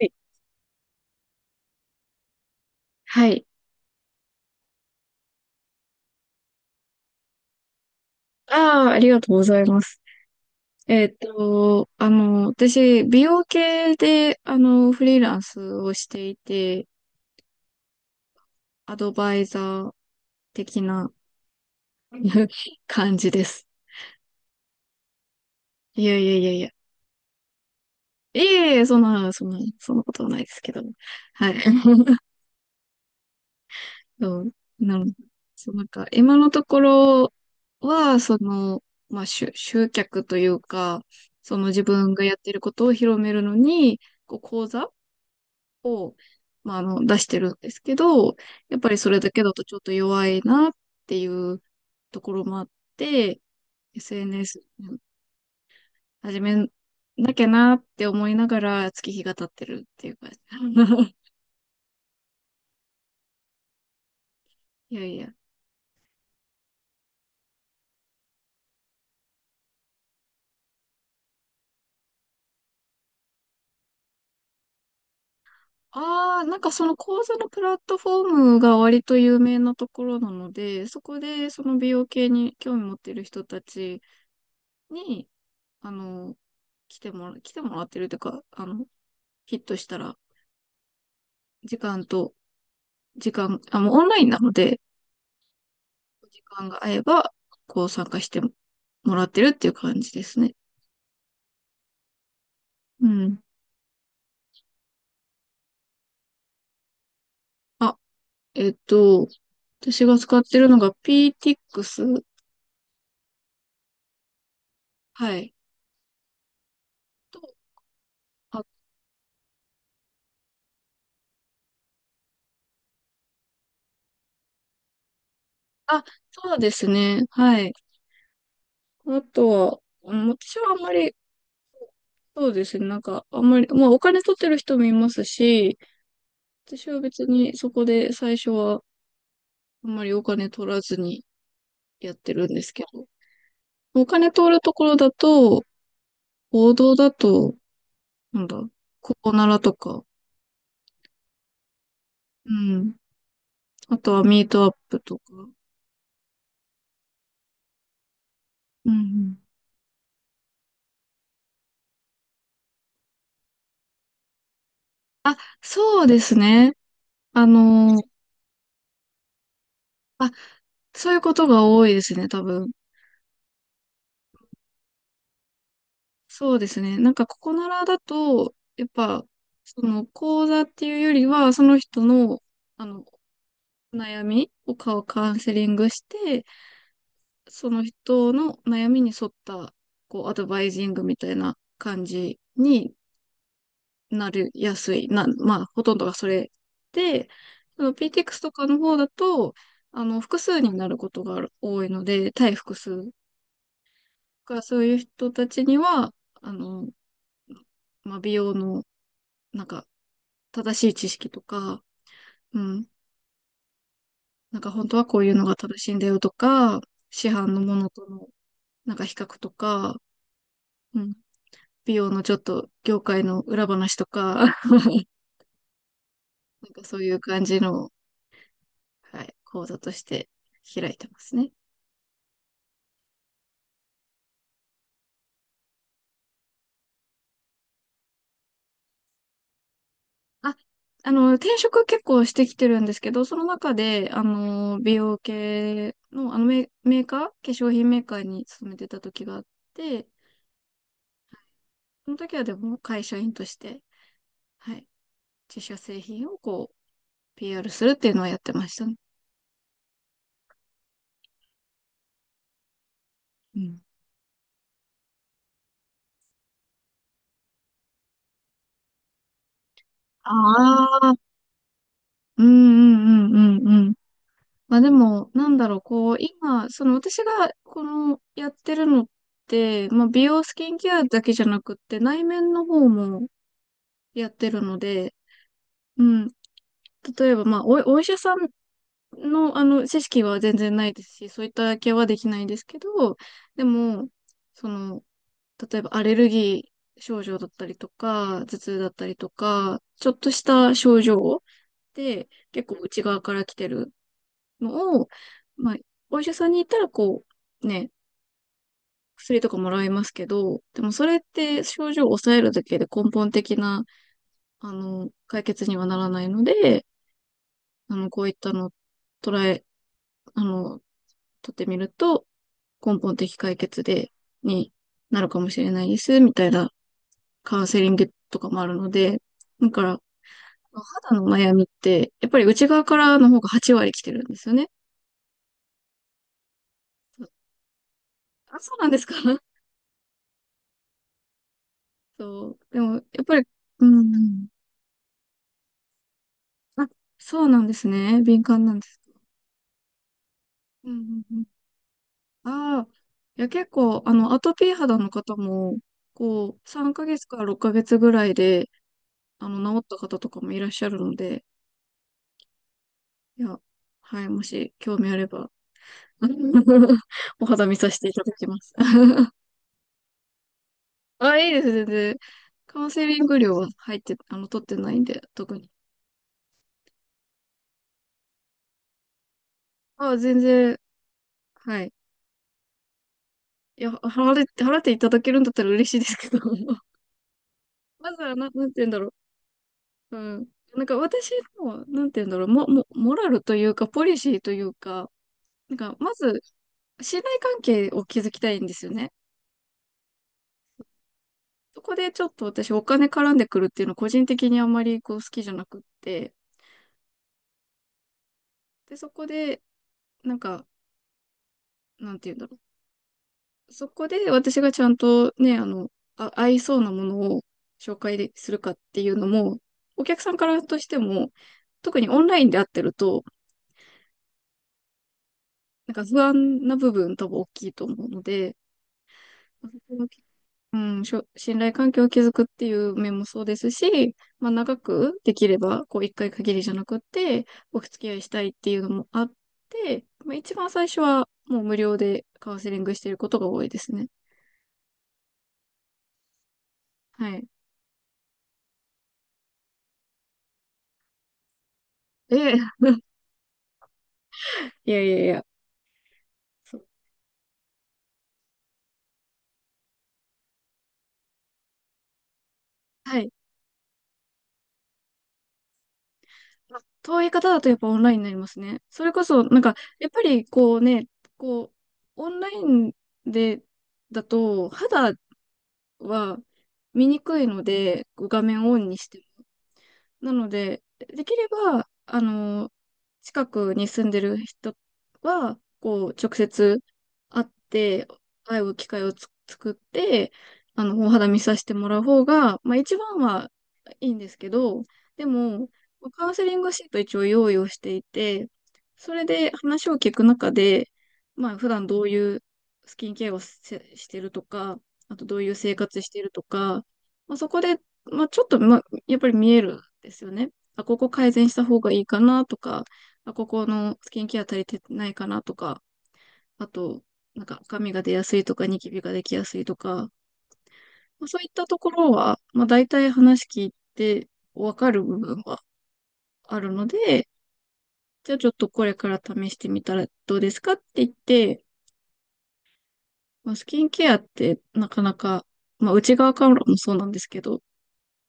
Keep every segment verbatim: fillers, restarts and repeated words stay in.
いはい。ああ、ありがとうございます。えーっと、あの、私、美容系で、あの、フリーランスをしていて、アドバイザー的な 感じです。いやいやいやいや。いえいえ、そんな、そんな、そんなことはないですけど。はい。そう、なの、そう、なんか、今のところは、その、まあ、集、集客というか、その自分がやってることを広めるのに、こう、講座を、まあ、あの、出してるんですけど、やっぱりそれだけだとちょっと弱いなっていうところもあって、エスエヌエス 始めなきゃなって思いながら月日が経ってるっていう感じ。いやいや。ああ、なんかその講座のプラットフォームが割と有名なところなので、そこでその美容系に興味持ってる人たちに、あの、来てもら、来てもらってるというか、あの、ヒットしたら、時間と時間、あ、もうオンラインなので、お時間が合えば、こう参加してもらってるっていう感じですね。うん。あ、えっと、私が使ってるのが p t ス。はい。と、あ、あ、そうですね。はい。あとは、うん、私はあんまり、そうですね。なんか、あんまり、まあお金取ってる人もいますし、私は別にそこで最初はあんまりお金取らずにやってるんですけど、お金取るところだと、報道だと、なんだ、ココナラとか、うん。あとはミートアップとか。うんうん。あ、そうですね。あのーあ、そういうことが多いですね、多分。そうですね。なんかココナラだと、やっぱ、その講座っていうよりは、その人の、あの、お悩みをカカウンセリングして、その人の悩みに沿った、こう、アドバイジングみたいな感じになりやすい。な、まあ、ほとんどがそれで、その ピーティーエックス とかの方だと、あの、複数になることがある多いので、対複数がそういう人たちには、あの、まあ、美容の、なんか、正しい知識とか、うん、なんか本当はこういうのが正しいんだよとか、市販のものとの、なんか比較とか、うん、美容のちょっと業界の裏話とか、なんかそういう感じの、はい、講座として開いてますね。あ、あの、転職結構してきてるんですけど、その中で、あの、美容系の、あのメ、メーカー、化粧品メーカーに勤めてた時があって、その時はでも会社員として、はい、自社製品をこう、ピーアール するっていうのはやってましたね。うん。ああ、うんうんうんうんうん。まあでも、なんだろう、こう、今、その私が、この、やってるのって、まあ美容スキンケアだけじゃなくって、内面の方もやってるので、うん、例えば、まあ、お、お医者さんの、あの、知識は全然ないですし、そういったケアはできないんですけど、でも、その、例えばアレルギー症状だったりとか、頭痛だったりとか、ちょっとした症状で、結構内側から来てるのを、まあ、お医者さんに行ったら、こう、ね、薬とかもらいますけど、でもそれって症状を抑えるだけで根本的な、あの、解決にはならないので、あの、こういったのを捉え、あの、取ってみると、根本的解決で、になるかもしれないです、みたいなカウンセリングとかもあるので、だから、肌の悩みって、やっぱり内側からの方がはちわり割来てるんですよね。あ、そうなんですか？ そう。でも、やっぱり、うん。あ、そうなんですね。敏感なんです。うん、うん、うん。ああ。いや、結構、あの、アトピー肌の方も、こう、さんかげつからろっかげつぐらいで、あの、治った方とかもいらっしゃるので、いや、はい、もし興味あれば、お肌見させていただきます。あ、いいです、全然。カウンセリング料は入って、あの、取ってないんで、特に。あ、全然、はい。いや、払って、払っていただけるんだったら嬉しいですけど、まずは、な、なんて言うんだろう。うん。なんか私の、なんて言うんだろう、も、も、モラルというか、ポリシーというか、なんか、まず、信頼関係を築きたいんですよね。そこでちょっと私、お金絡んでくるっていうの、個人的にあんまりこう好きじゃなくって、で、そこで、なんか、なんて言うんだろう。そこで私がちゃんとね、あの、あ、合いそうなものを紹介するかっていうのも、お客さんからとしても、特にオンラインで会ってると、なんか不安な部分多分大きいと思うので、うん、しょ信頼関係を築くっていう面もそうですし、まあ長くできれば、こう一回限りじゃなくて、お付き合いしたいっていうのもあって、まあ一番最初はもう無料でカウンセリングしていることが多いですね。はい。ええ、いやいやいや。そう、はい。まあ遠い方だとやっぱオンラインになりますね。それこそ、なんか、やっぱりこうね、こう、オンラインで、だと、肌は見にくいので、こう画面をオンにしてなので、できれば、あの、近くに住んでる人は、こう、直接会って、会う機会をつ作って、あの、お肌見させてもらう方が、まあ一番はいいんですけど、でも、カウンセリングシート一応用意をしていて、それで話を聞く中で、まあ普段どういうスキンケアをせしてるとか、あとどういう生活してるとか、まあ、そこで、まあ、ちょっと、まあ、やっぱり見えるんですよね。あ、ここ改善した方がいいかなとか、あ、ここのスキンケア足りてないかなとか、あと、なんか赤みが出やすいとか、ニキビができやすいとか、まあそういったところは、まあ大体話聞いてわかる部分はあるので、じゃあちょっとこれから試してみたらどうですかって言って、まあ、スキンケアってなかなか、まあ内側からもそうなんですけど、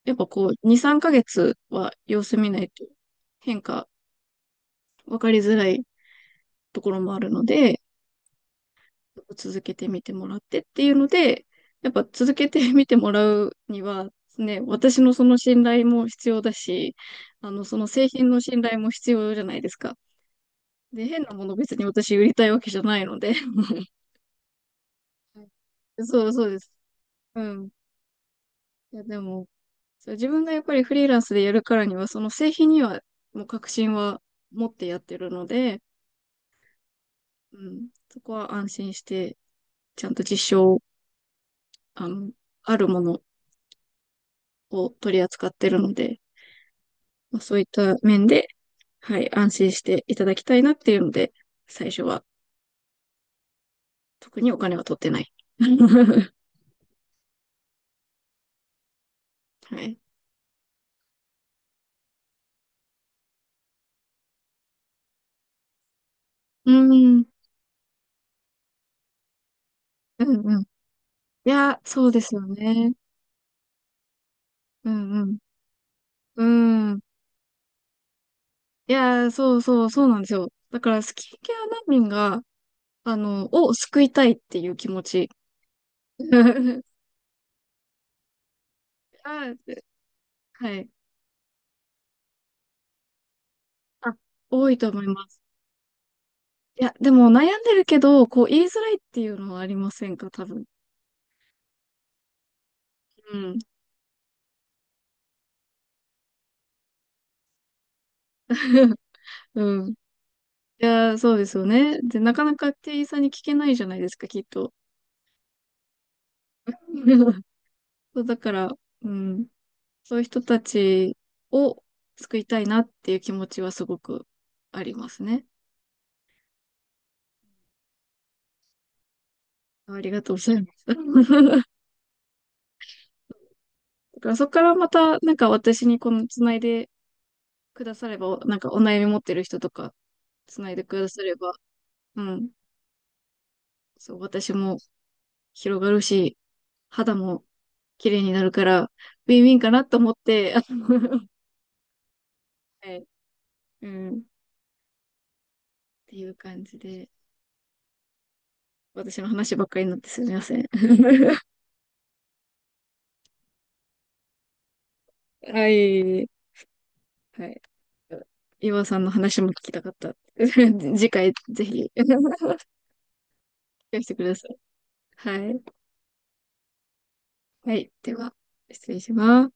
やっぱこうにー、さんかげつは様子見ないと変化分かりづらいところもあるので、続けてみてもらってっていうので、やっぱ続けてみてもらうには、ね、私のその信頼も必要だし、あの、その製品の信頼も必要じゃないですか。で、変なもの別に私売りたいわけじゃないので。そうそうです。うん。いや、でも、そう自分がやっぱりフリーランスでやるからには、その製品にはもう確信は持ってやってるので、うん、そこは安心して、ちゃんと実証、あの、あるものを取り扱ってるので、まあ、そういった面で、はい、安心していただきたいなっていうので、最初は特にお金は取ってない。はい。うん、うんうん。いや、そうですよね。うんうん。うん。いや、そうそう、そうなんですよ。だから、スキンケア難民が、あの、を救いたいっていう気持ち。あ、はい。あ、多いと思います。いや、でも悩んでるけど、こう言いづらいっていうのはありませんか、多分。うん。うん。いやー、そうですよね。で、なかなか店員さんに聞けないじゃないですか、きっと。そう、だから、うん。そういう人たちを救いたいなっていう気持ちはすごくありますね。ありがとうございます。だからそこからまた、なんか私にこのつないでくだされば、なんかお悩み持ってる人とか、つないでくだされば、うん。そう、私も広がるし、肌も綺麗になるから、ウィンウィンかなと思って、はい。うん。ていう感じで、私の話ばっかりになってすみません。はい。はい。岩尾さんの話も聞きたかった。次回ぜひ 聞かせてください。はい。はい。では、失礼します。